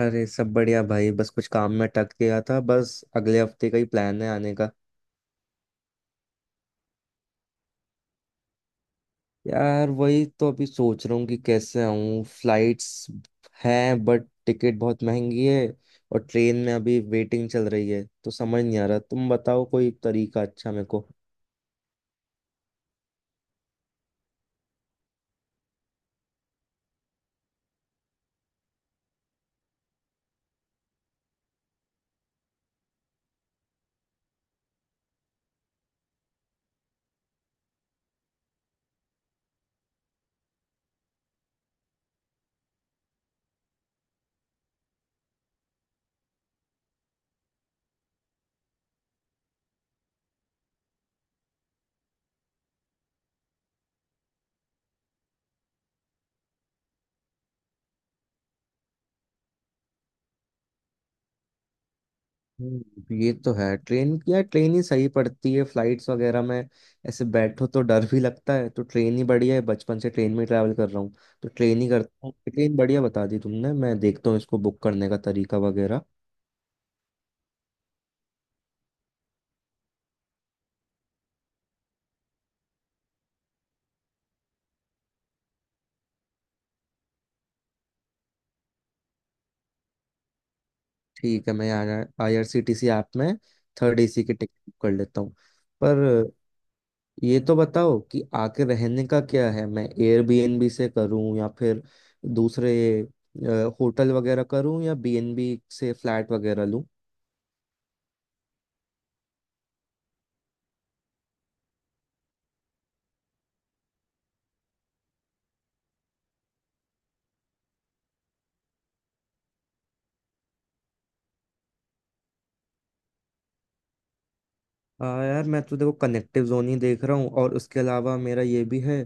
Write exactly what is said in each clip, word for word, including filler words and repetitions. अरे, सब बढ़िया भाई। बस कुछ काम में अटक गया था। बस अगले हफ्ते का ही प्लान है आने का। यार वही तो अभी सोच रहा हूँ कि कैसे आऊँ। फ्लाइट्स हैं बट टिकट बहुत महंगी है। और ट्रेन में अभी वेटिंग चल रही है, तो समझ नहीं आ रहा। तुम बताओ कोई तरीका अच्छा मेरे को। हम्म, ये तो है, ट्रेन या ट्रेन ही सही पड़ती है। फ्लाइट्स वगैरह में ऐसे बैठो तो डर भी लगता है। तो ट्रेन ही बढ़िया है, बचपन से ट्रेन में ट्रैवल कर रहा हूँ। तो ट्रेन ही करता हूँ। ट्रेन बढ़िया बता दी तुमने। मैं देखता हूँ इसको बुक करने का तरीका वगैरह। ठीक है, मैं आईआरसीटीसी ऐप में थर्ड एसी की टिकट बुक कर लेता हूँ। पर ये तो बताओ कि आके रहने का क्या है। मैं एयरबीएनबी से करूँ या फिर दूसरे होटल वगैरह करूँ, या बीएनबी से फ्लैट वगैरह लूँ? हाँ यार, मैं तो देखो कनेक्टिव जोन ही देख रहा हूँ। और उसके अलावा मेरा ये भी है,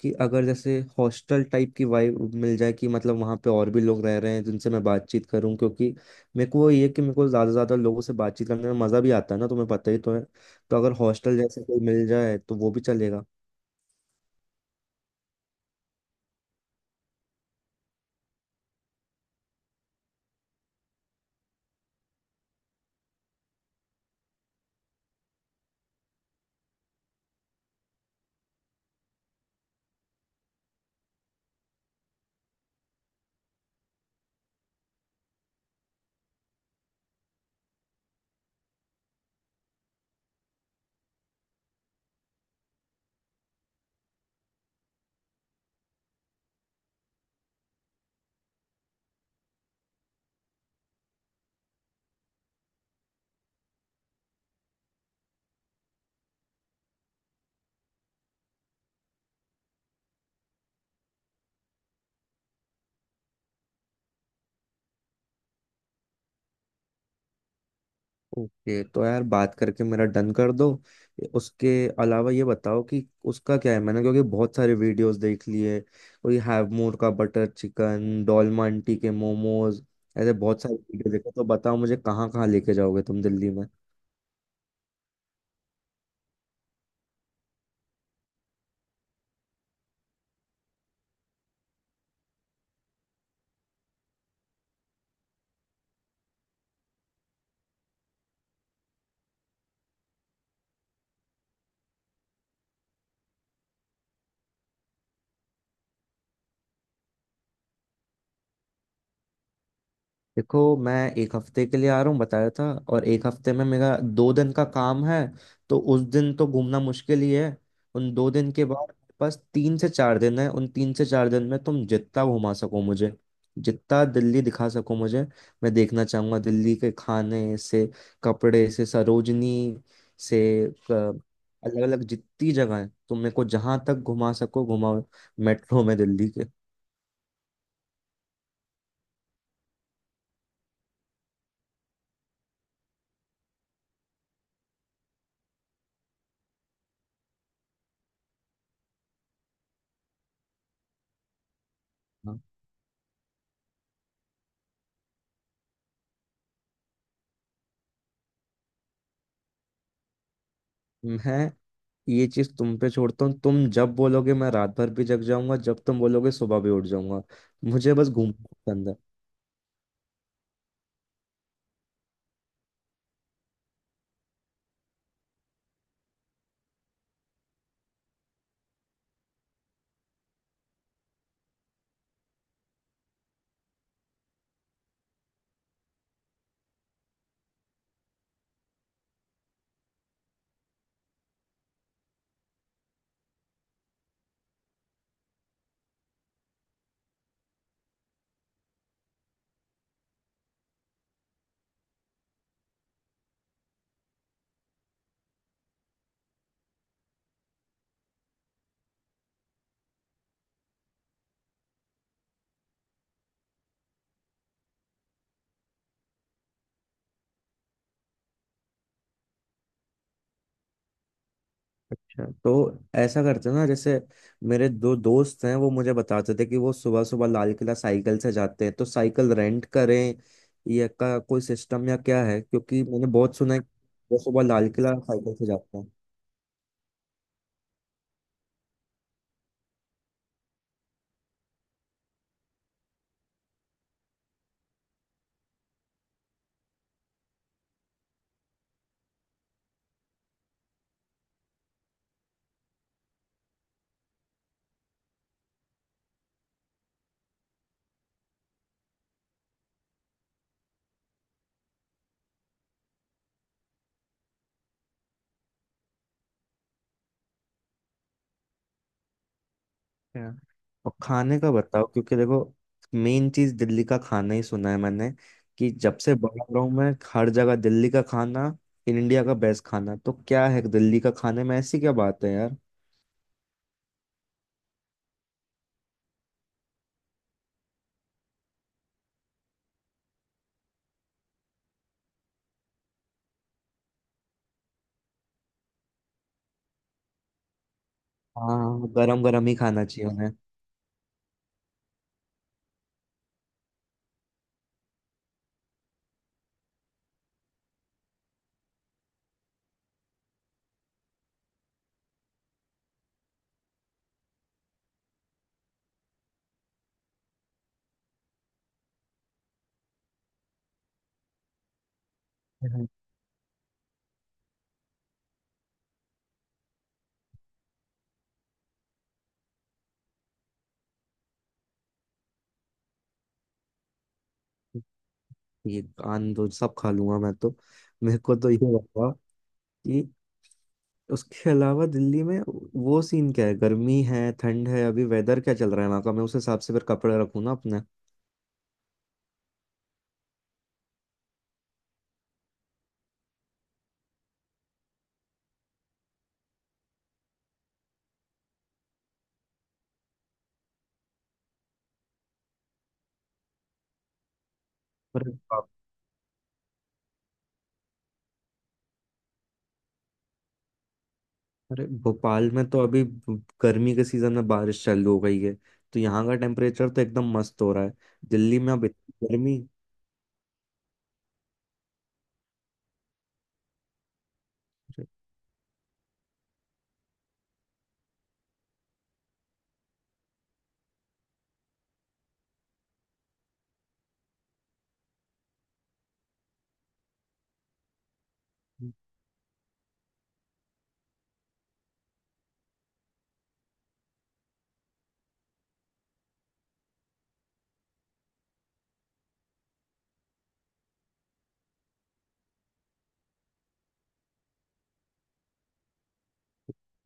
कि अगर जैसे हॉस्टल टाइप की वाइब मिल जाए, कि मतलब वहाँ पे और भी लोग रह रहे हैं जिनसे मैं बातचीत करूँ। क्योंकि मेरे को वो ये कि मेरे को ज़्यादा से ज़्यादा लोगों से बातचीत करने में मज़ा भी आता है ना, तुम्हें पता ही तो है। तो अगर हॉस्टल जैसे कोई मिल जाए तो वो भी चलेगा। ओके, तो यार बात करके मेरा डन कर दो। उसके अलावा ये बताओ कि उसका क्या है। मैंने क्योंकि बहुत सारे वीडियोस देख लिए। कोई हैव मोर का बटर चिकन, डोलमा आंटी के मोमोज, ऐसे बहुत सारे वीडियो देखे। तो बताओ मुझे कहाँ कहाँ लेके जाओगे तुम दिल्ली में। देखो, मैं एक हफ्ते के लिए आ रहा हूँ बताया था। और एक हफ्ते में मेरा दो दिन का काम है, तो उस दिन तो घूमना मुश्किल ही है। उन दो दिन के बाद मेरे पास तीन से चार दिन है। उन तीन से चार दिन में तुम जितना घुमा सको मुझे, जितना दिल्ली दिखा सको मुझे। मैं देखना चाहूंगा दिल्ली के खाने से, कपड़े से, सरोजनी से, अलग अलग जितनी जगह है तुम मेरे को जहां तक घुमा सको घुमाओ, मेट्रो में दिल्ली के। मैं ये चीज तुम पे छोड़ता हूँ। तुम जब बोलोगे मैं रात भर भी जग जाऊंगा, जब तुम बोलोगे सुबह भी उठ जाऊंगा। मुझे बस घूमना पसंद है। अच्छा, तो ऐसा करते हैं ना, जैसे मेरे दो दोस्त हैं, वो मुझे बताते थे कि वो सुबह सुबह लाल किला साइकिल से जाते हैं। तो साइकिल रेंट करें या का कोई सिस्टम या क्या है? क्योंकि मैंने बहुत सुना है कि वो सुबह लाल किला साइकिल से जाते हैं। है। और खाने का बताओ, क्योंकि देखो मेन चीज दिल्ली का खाना ही सुना है मैंने। कि जब से बड़ा रहा हूं मैं, हर जगह दिल्ली का खाना इंडिया का बेस्ट खाना। तो क्या है दिल्ली का, खाने में ऐसी क्या बात है यार? हाँ गरम गरम ही खाना चाहिए उन्हें। हम्म। ये कान दो सब खा लूंगा मैं तो। मेरे को तो ये बताओ कि उसके अलावा दिल्ली में वो सीन क्या है? गर्मी है, ठंड है, अभी वेदर क्या चल रहा है वहाँ का? मैं उस हिसाब से फिर कपड़े रखूँ ना अपने। अरे, अरे भोपाल में तो अभी ब- गर्मी के सीजन में बारिश चालू हो गई है। तो यहाँ का टेम्परेचर तो एकदम मस्त हो रहा है। दिल्ली में अब इतनी गर्मी?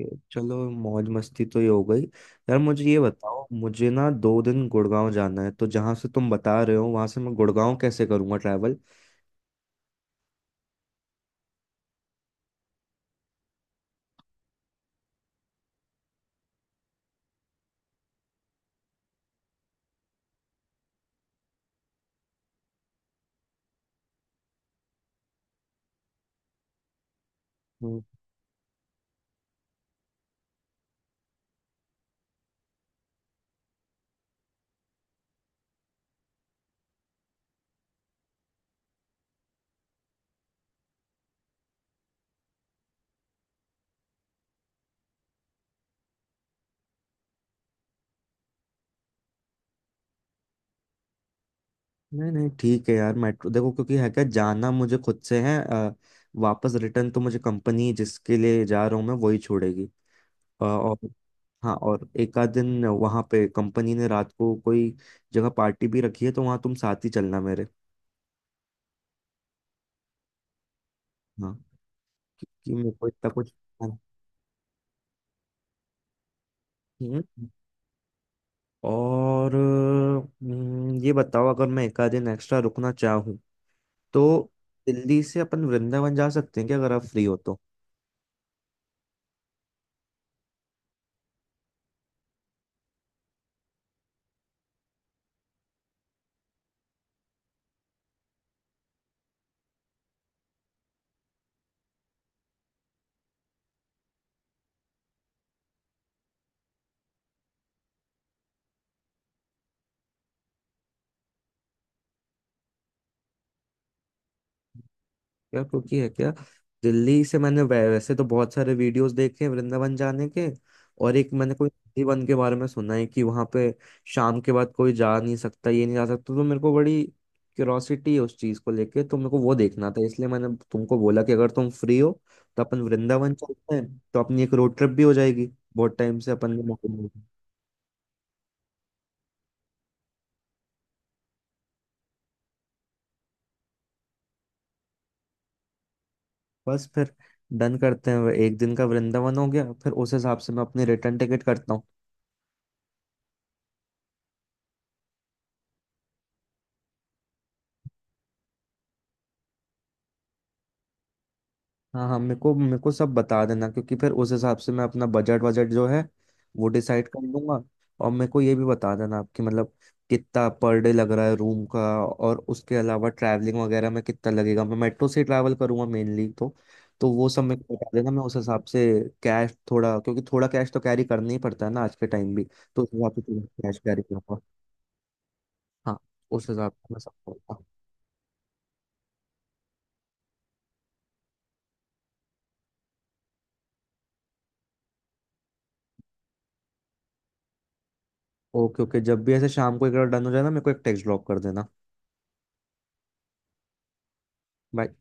ये चलो, मौज मस्ती तो ये हो गई। यार मुझे ये बताओ, मुझे ना दो दिन गुड़गांव जाना है, तो जहाँ से तुम बता रहे हो वहां से मैं गुड़गांव कैसे करूँगा ट्रैवल? हम्म, नहीं नहीं, ठीक है यार, मेट्रो देखो, क्योंकि है क्या, जाना मुझे खुद से है, अ, वापस रिटर्न तो मुझे कंपनी जिसके लिए जा रहा हूँ मैं वही छोड़ेगी। अ, और हाँ, और एक आध दिन वहाँ पे कंपनी ने रात को कोई जगह पार्टी भी रखी है, तो वहाँ तुम साथ ही चलना मेरे। हाँ, क्योंकि मेरे को इतना कुछ। हम्म। और हम्म, ये बताओ, अगर मैं एक आध दिन एक्स्ट्रा रुकना चाहूँ तो दिल्ली से अपन वृंदावन जा सकते हैं क्या, अगर आप फ्री हो तो? यार क्योंकि है क्या, दिल्ली से मैंने वै- वैसे तो बहुत सारे वीडियोस देखे हैं वृंदावन जाने के। और एक मैंने कोई नंदी वन के बारे में सुना है कि वहां पे शाम के बाद कोई जा नहीं सकता, ये नहीं जा सकता। तो मेरे को बड़ी क्यूरोसिटी है उस चीज को लेके, तो मेरे को वो देखना था। इसलिए मैंने तुमको बोला कि अगर तुम फ्री हो तो अपन वृंदावन चलते हैं। तो अपनी एक रोड ट्रिप भी हो जाएगी, बहुत टाइम से अपन ने मौका नहीं लिया। बस फिर डन करते हैं, एक दिन का वृंदावन हो गया। फिर उस हिसाब से मैं अपनी रिटर्न टिकट करता हूँ। हाँ हाँ, मेरे को मेरे को सब बता देना, क्योंकि फिर उस हिसाब से मैं अपना बजट बजट जो है वो डिसाइड कर लूंगा। और मेरे को ये भी बता देना आपकी मतलब कितना पर डे लग रहा है रूम का। और उसके अलावा ट्रैवलिंग वगैरह में कितना लगेगा, मैं मेट्रो से ट्रैवल करूंगा मेनली तो। तो वो सब मेरे को बता देना, मैं उस हिसाब से कैश थोड़ा, क्योंकि थोड़ा कैश तो कैरी करना ही पड़ता है ना आज के टाइम भी, तो उस हिसाब से थोड़ा कैश कैरी करूंगा। हाँ, उस हिसाब से मैं सब करूंगा। ओके ओके, जब भी ऐसे शाम को एक बार डन हो जाए ना, मेरे को एक टेक्स्ट ड्रॉप कर देना। बाय।